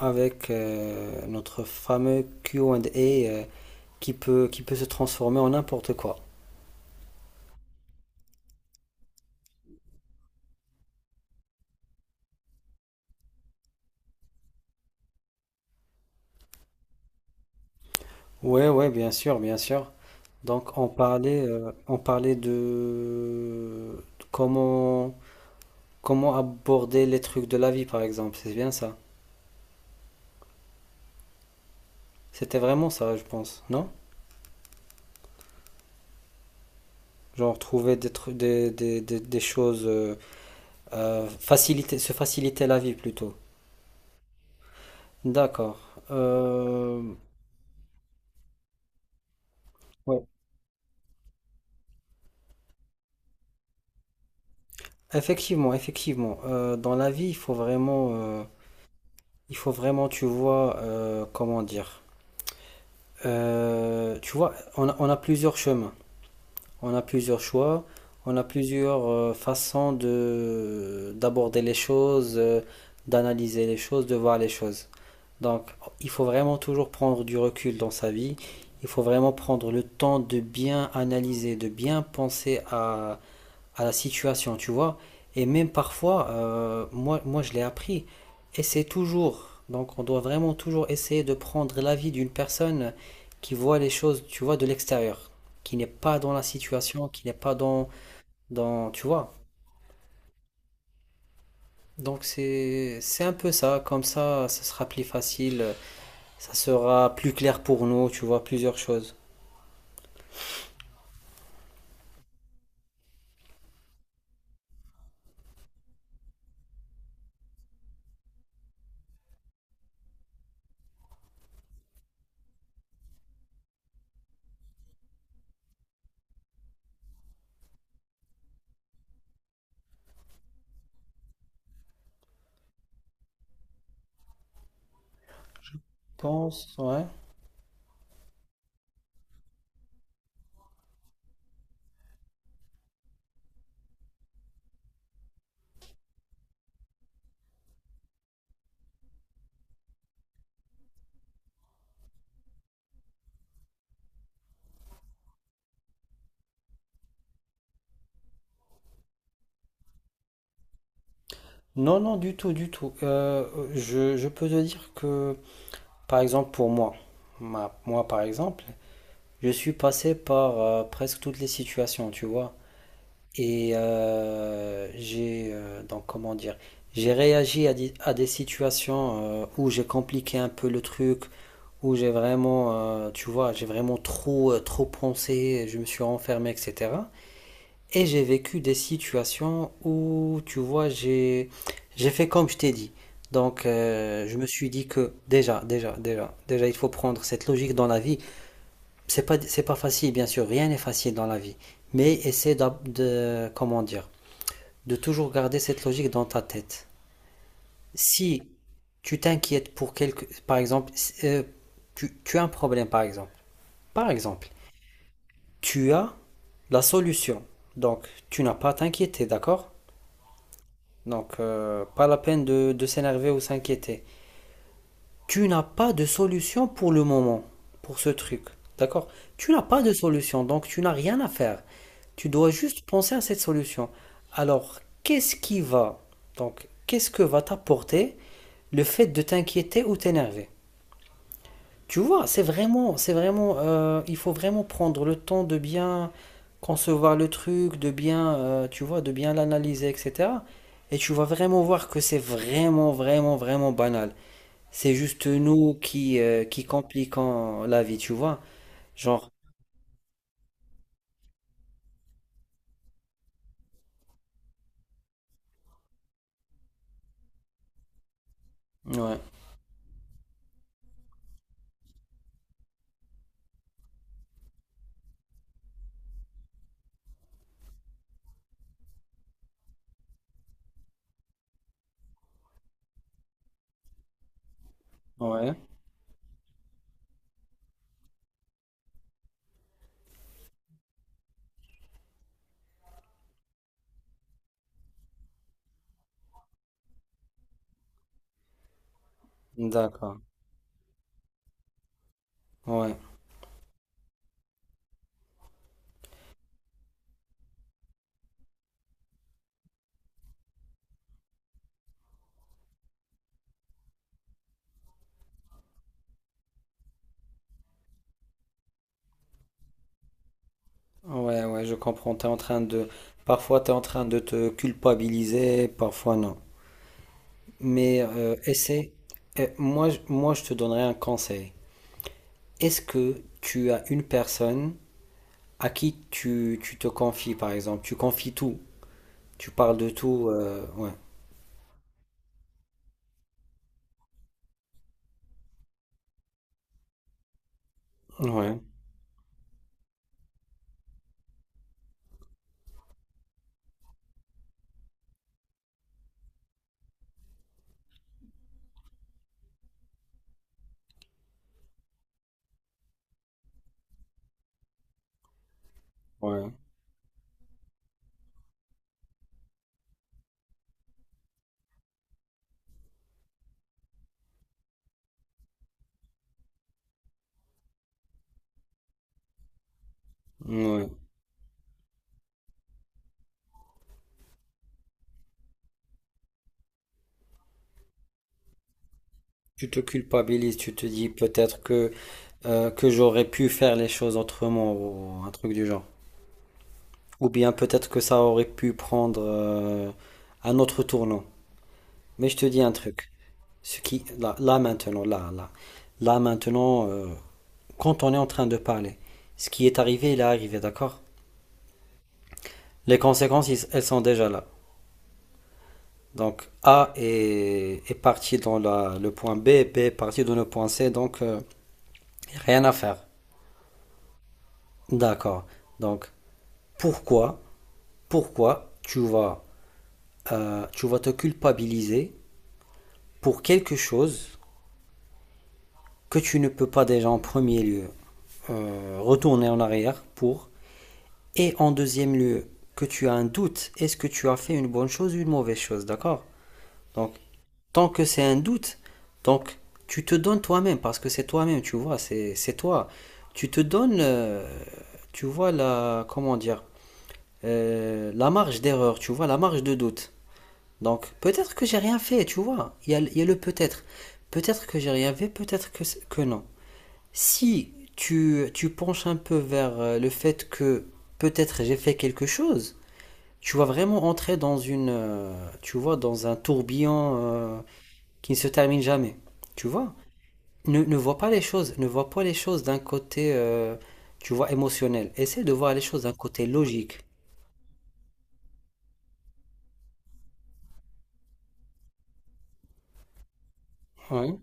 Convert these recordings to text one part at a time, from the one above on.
Avec notre fameux Q Q&A qui peut se transformer en n'importe quoi. Ouais, ouais, bien sûr, bien sûr. Donc on parlait de comment, comment aborder les trucs de la vie, par exemple. C'est bien ça. C'était vraiment ça, je pense, non? Genre trouver des, tru- des choses, faciliter, se faciliter la vie plutôt. D'accord. Euh, ouais. Effectivement, effectivement. Dans la vie, il faut vraiment, tu vois, comment dire, tu vois, on a plusieurs chemins, on a plusieurs choix, on a plusieurs façons de d'aborder les choses, d'analyser les choses, de voir les choses. Donc, il faut vraiment toujours prendre du recul dans sa vie. Il faut vraiment prendre le temps de bien analyser, de bien penser à la situation, tu vois. Et même parfois, moi je l'ai appris, et c'est toujours. Donc on doit vraiment toujours essayer de prendre l'avis d'une personne qui voit les choses, tu vois, de l'extérieur, qui n'est pas dans la situation, qui n'est pas tu vois. Donc c'est un peu ça, comme ça sera plus facile, ça sera plus clair pour nous, tu vois, plusieurs choses. Pense, ouais. Non, non, du tout, du tout. Je peux te dire que par exemple, pour moi, moi par exemple, je suis passé par presque toutes les situations, tu vois. Et donc comment dire, j'ai réagi à des situations où j'ai compliqué un peu le truc, où j'ai vraiment, tu vois, j'ai vraiment trop, trop pensé, je me suis renfermé, etc. Et j'ai vécu des situations où, tu vois, j'ai fait comme je t'ai dit. Donc, je me suis dit que déjà, il faut prendre cette logique dans la vie. C'est pas facile, bien sûr, rien n'est facile dans la vie. Mais comment dire, de toujours garder cette logique dans ta tête. Si tu t'inquiètes pour quelque, par exemple, si- tu, tu as un problème, par exemple. Par exemple, tu as la solution. Donc, tu n'as pas à t'inquiéter, d'accord? Donc, pas la peine de s'énerver ou s'inquiéter. Tu n'as pas de solution pour le moment, pour ce truc. D'accord? Tu n'as pas de solution, donc tu n'as rien à faire. Tu dois juste penser à cette solution. Alors, qu'est-ce qui va, donc, qu'est-ce que va t'apporter le fait de t'inquiéter ou t'énerver? Tu vois, c'est vraiment, il faut vraiment prendre le temps de bien concevoir le truc, de bien, tu vois, de bien l'analyser, etc. Et tu vas vraiment voir que c'est vraiment banal. C'est juste nous qui compliquons la vie, tu vois. Genre, ouais, ouais, d'accord, ouais, ouais, je comprends. T'es en train parfois t'es en train de te culpabiliser, parfois non. Mais essaie. Moi, je te donnerai un conseil. Est-ce que tu as une personne à qui tu te confies, par exemple? Tu confies tout, tu parles de tout, ouais, ouais, ouais, ouais. Tu te culpabilises, tu te dis que j'aurais pu faire les choses autrement ou un truc du genre. Ou bien peut-être que ça aurait pu prendre un autre tournant. Mais je te dis un truc, ce qui, là maintenant, quand on est en train de parler, ce qui est arrivé, il est arrivé, d'accord? Les conséquences, elles sont déjà là. Donc A est parti dans le point B, et B est parti dans le point C, donc rien à faire. D'accord. Donc pourquoi, pourquoi tu vas te culpabiliser pour quelque chose que tu ne peux pas déjà en premier lieu retourner en arrière et en deuxième lieu que tu as un doute, est-ce que tu as fait une bonne chose ou une mauvaise chose, d'accord? Donc tant que c'est un doute, donc tu te donnes toi-même, parce que c'est toi-même, tu vois, c'est toi. Tu te donnes, tu vois, comment dire, la marge d'erreur, tu vois, la marge de doute. Donc, peut-être que j'ai rien fait, tu vois, il y a le peut-être. Peut-être que j'ai rien fait, que non. Si tu penches un peu vers le fait que peut-être j'ai fait quelque chose, tu vas vraiment entrer dans tu vois, dans un tourbillon. Qui ne se termine jamais. Tu vois, ne vois pas les choses, ne vois pas les choses d'un côté, tu vois, émotionnel. Essaie de voir les choses d'un côté logique. Oui,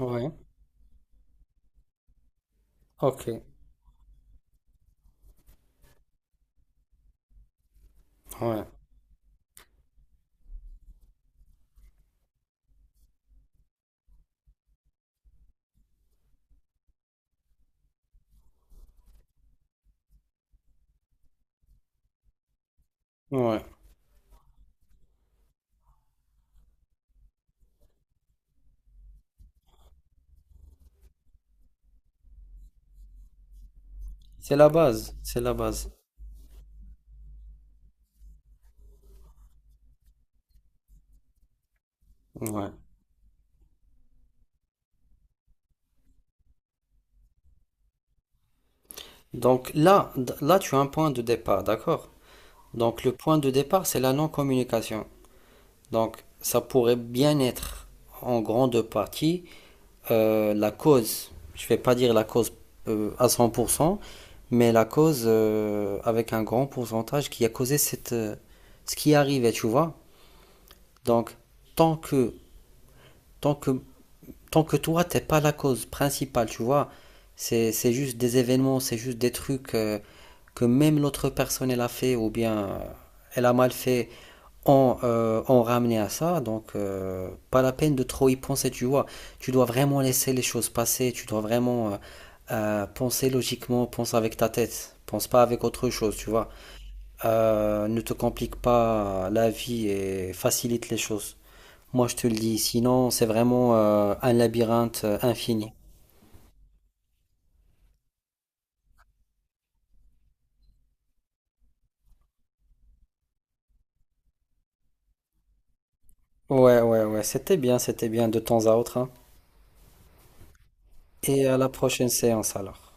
oui, ok, ouais, ouais. C'est la base, c'est la base. Ouais. Donc là, tu as un point de départ, d'accord? Donc le point de départ, c'est la non-communication. Donc ça pourrait bien être en grande partie la cause, je ne vais pas dire la cause à 100%, mais la cause avec un grand pourcentage qui a causé cette, ce qui arrivait, tu vois. Donc, tant que, tant que, tant que toi, t'es pas la cause principale, tu vois, c'est juste des événements, c'est juste des trucs que même l'autre personne, elle a fait, ou bien elle a mal fait, ont ramené à ça. Donc, pas la peine de trop y penser, tu vois. Tu dois vraiment laisser les choses passer. Tu dois vraiment penser logiquement, pense avec ta tête. Pense pas avec autre chose, tu vois. Ne te complique pas la vie et facilite les choses. Moi, je te le dis, sinon, c'est vraiment un labyrinthe infini. Ouais, ouais, ouais, c'était bien de temps à autre, hein. Et à la prochaine séance alors.